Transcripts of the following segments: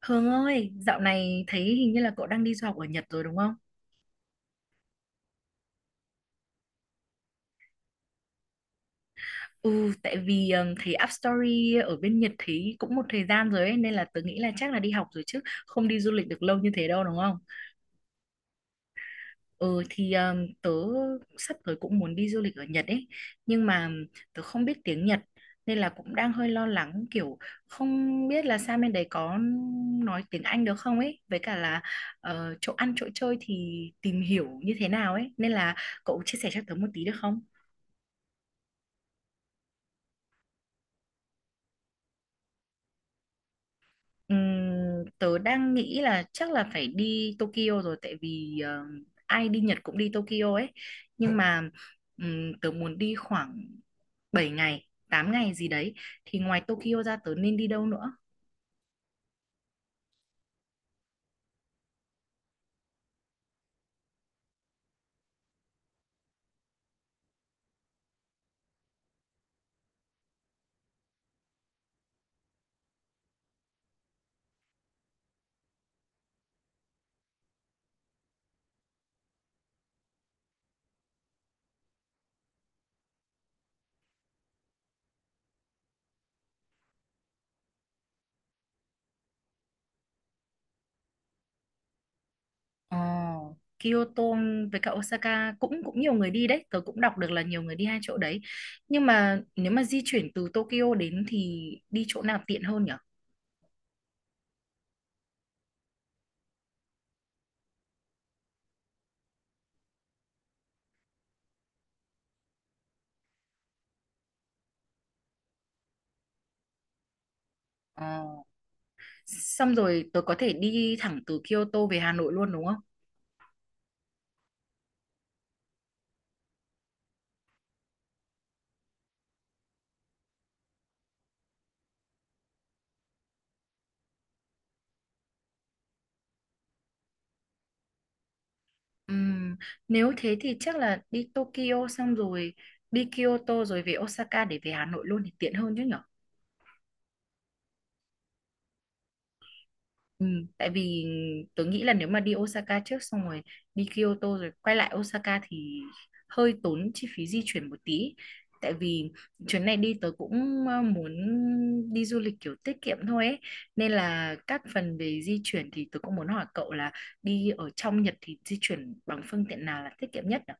Hương ơi, dạo này thấy hình như là cậu đang đi du học ở Nhật rồi đúng không? Ừ, tại vì thấy Up Story ở bên Nhật thấy cũng một thời gian rồi ấy, nên là tớ nghĩ là chắc là đi học rồi chứ không đi du lịch được lâu như thế đâu đúng không? Ừ thì tớ sắp tới cũng muốn đi du lịch ở Nhật ấy, nhưng mà tớ không biết tiếng Nhật nên là cũng đang hơi lo lắng, kiểu không biết là sang bên đấy có nói tiếng Anh được không ấy, với cả là chỗ ăn chỗ chơi thì tìm hiểu như thế nào ấy, nên là cậu chia sẻ cho tớ một tí được không? Tớ đang nghĩ là chắc là phải đi Tokyo rồi, tại vì ai đi Nhật cũng đi Tokyo ấy, nhưng mà tớ muốn đi khoảng 7 ngày 8 ngày gì đấy, thì ngoài Tokyo ra tớ nên đi đâu nữa? Ờ, Kyoto với cả Osaka cũng cũng nhiều người đi đấy, tớ cũng đọc được là nhiều người đi hai chỗ đấy, nhưng mà nếu mà di chuyển từ Tokyo đến thì đi chỗ nào tiện hơn nhỉ? Ờ. Xong rồi tớ có thể đi thẳng từ Kyoto về Hà Nội luôn đúng không? Ừm, Nếu thế thì chắc là đi Tokyo xong rồi đi Kyoto rồi về Osaka để về Hà Nội luôn thì tiện hơn chứ nhỉ? Ừ, tại vì tôi nghĩ là nếu mà đi Osaka trước xong rồi đi Kyoto rồi quay lại Osaka thì hơi tốn chi phí di chuyển một tí. Tại vì chuyến này đi tớ cũng muốn đi du lịch kiểu tiết kiệm thôi ấy. Nên là các phần về di chuyển thì tớ cũng muốn hỏi cậu là đi ở trong Nhật thì di chuyển bằng phương tiện nào là tiết kiệm nhất nhỉ?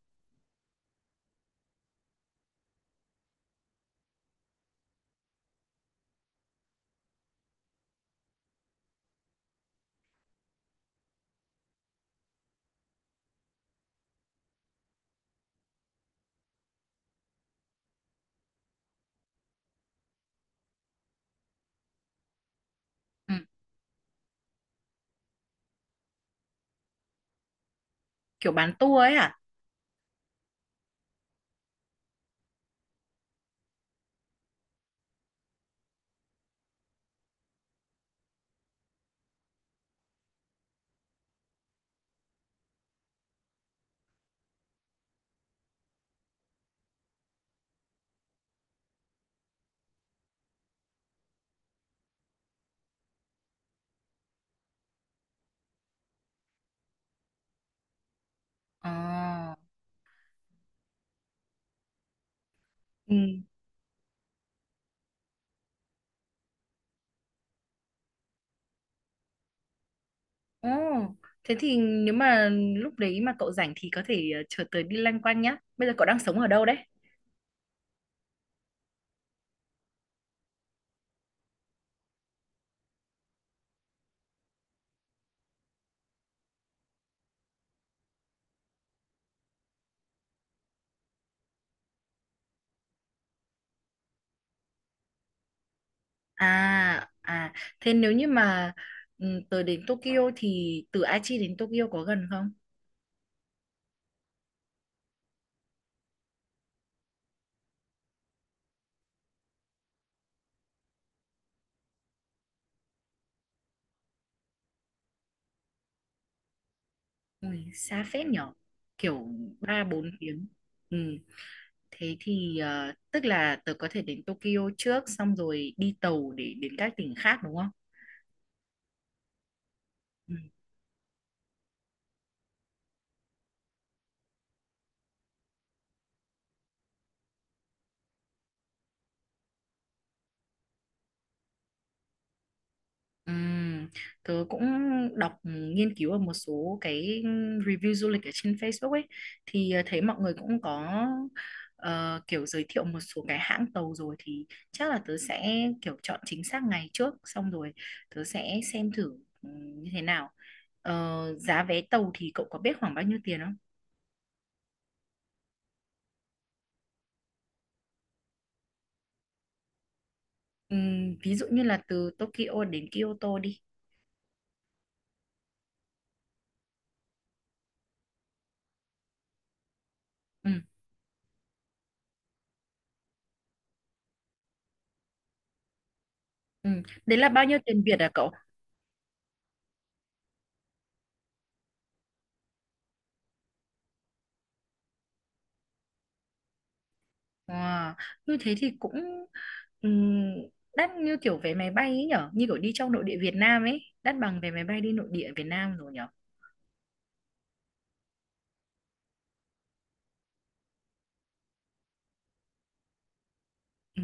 Ừ, kiểu bán tour ấy hả? À? Ừ. Ồ, thế thì nếu mà lúc đấy mà cậu rảnh thì có thể chở tớ đi loanh quanh nhá. Bây giờ cậu đang sống ở đâu đấy? À, à, thế nếu như mà tớ đến Tokyo thì từ Aichi đến Tokyo có gần không? Ui, xa phết nhở, kiểu 3 4 tiếng. Ừ, thế thì tức là tớ có thể đến Tokyo trước xong rồi đi tàu để đến các tỉnh khác đúng không? Ừ. Ừm, Tớ cũng đọc, nghiên cứu ở một số cái, review du lịch ở trên Facebook ấy, thì thấy mọi người cũng có kiểu giới thiệu một số cái hãng tàu rồi, thì chắc là tớ sẽ kiểu chọn chính xác ngày trước, xong rồi tớ sẽ xem thử như thế nào. Giá vé tàu thì cậu có biết khoảng bao nhiêu tiền không? Ví dụ như là từ Tokyo đến Kyoto đi. Ừm, Đấy là bao nhiêu tiền Việt à cậu? Wow, như thế thì cũng ừm, đắt như kiểu vé máy bay ấy nhở, như kiểu đi trong nội địa Việt Nam ấy, đắt bằng vé máy bay đi nội địa Việt Nam rồi nhở. Ừ.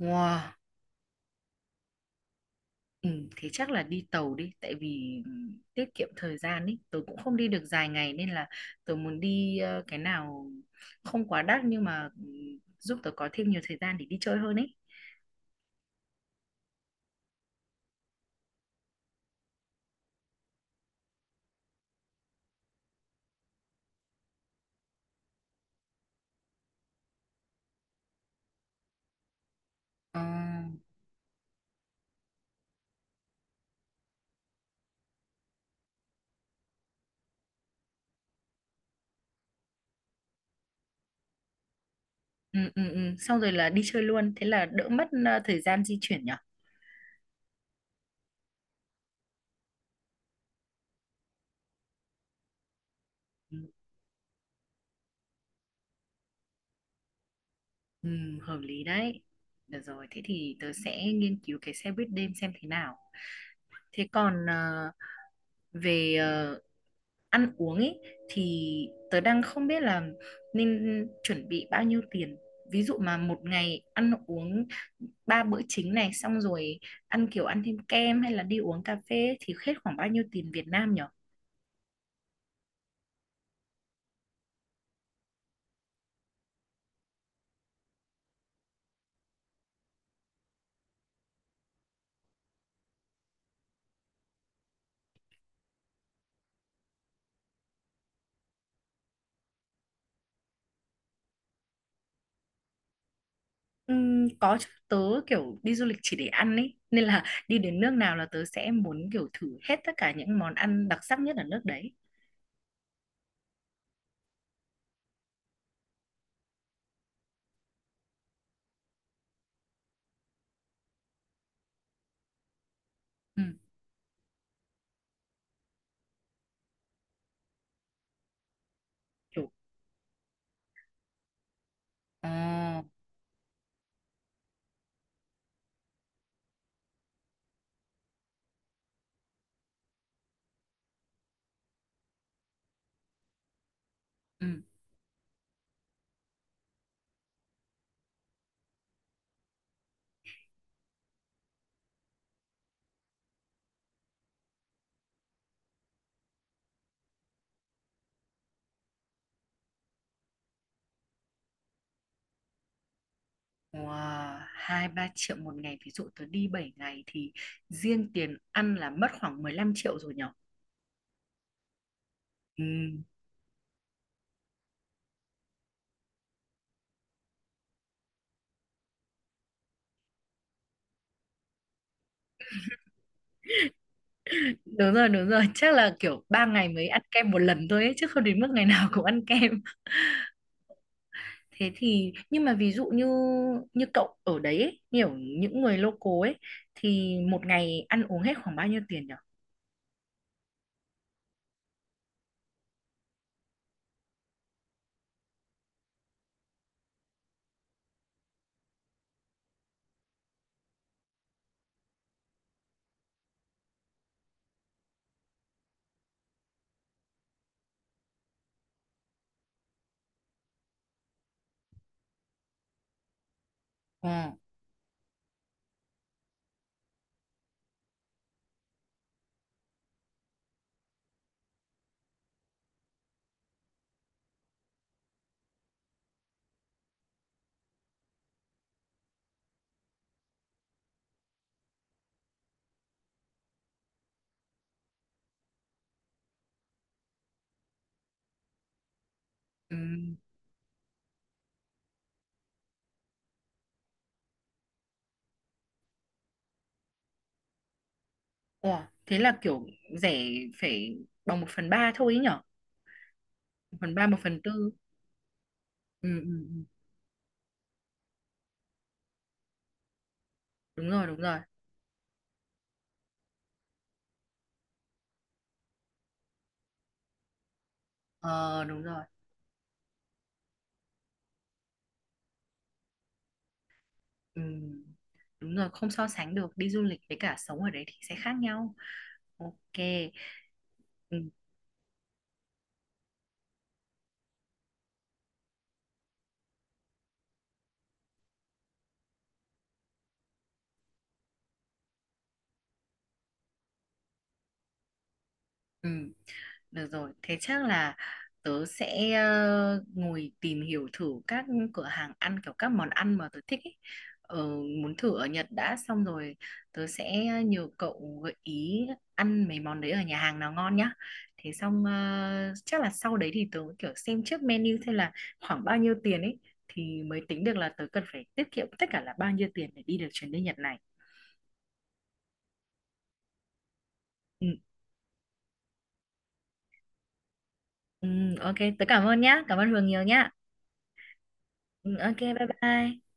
Wow, ừ, thế chắc là đi tàu đi, tại vì tiết kiệm thời gian ấy, tôi cũng không đi được dài ngày nên là tôi muốn đi cái nào không quá đắt nhưng mà giúp tôi có thêm nhiều thời gian để đi chơi hơn ấy. Ờ, ừ, ừ, ừ. Xong rồi là đi chơi luôn, thế là đỡ mất thời gian di chuyển nhở. Ừ, hợp lý đấy. Được rồi, thế thì tớ sẽ nghiên cứu cái xe buýt đêm xem thế nào. Thế còn về ăn uống ấy thì tớ đang không biết là nên chuẩn bị bao nhiêu tiền. Ví dụ mà một ngày ăn uống ba bữa chính này, xong rồi ăn kiểu ăn thêm kem hay là đi uống cà phê ấy, thì hết khoảng bao nhiêu tiền Việt Nam nhở? Có chứ, tớ kiểu đi du lịch chỉ để ăn ấy, nên là đi đến nước nào là tớ sẽ muốn kiểu thử hết tất cả những món ăn đặc sắc nhất ở nước đấy. Ừ. Kiểu. Ờ. Ừ. Wow. 2 3 triệu một ngày, ví dụ tớ đi 7 ngày thì riêng tiền ăn là mất khoảng 15 triệu rồi nhở. Ừ. Đúng rồi, đúng rồi, chắc là kiểu 3 ngày mới ăn kem một lần thôi ấy, chứ không đến mức ngày nào cũng ăn kem thế thì nhưng mà ví dụ như như cậu ở đấy ấy, nhiều những người local ấy, thì một ngày ăn uống hết khoảng bao nhiêu tiền nhở? Ờ. Ừ. Ủa, thế là kiểu rẻ, phải bằng một phần ba thôi ấy nhở, một phần ba một phần tư. Ừ, ừ, ừ. Đúng rồi, đúng rồi. Ờ, đúng rồi. Ừ. Đúng rồi, không so sánh được, đi du lịch với cả sống ở đấy thì sẽ khác nhau. Ok. Ừ, ừ. Được rồi, thế chắc là tớ sẽ ngồi tìm hiểu thử các cửa hàng ăn, kiểu các món ăn mà tớ thích ấy. Ờ, Muốn thử ở Nhật đã, xong rồi tớ sẽ nhờ cậu gợi ý ăn mấy món đấy ở nhà hàng nào ngon nhá. Thế xong chắc là sau đấy thì tớ kiểu xem trước menu xem là khoảng bao nhiêu tiền ấy, thì mới tính được là tớ cần phải tiết kiệm tất cả là bao nhiêu tiền để đi được chuyến đi Nhật này. Ừ, ừ, ok, tớ cảm ơn nhá, cảm ơn Hường nhiều nhá. Ừ, ok, bye bye.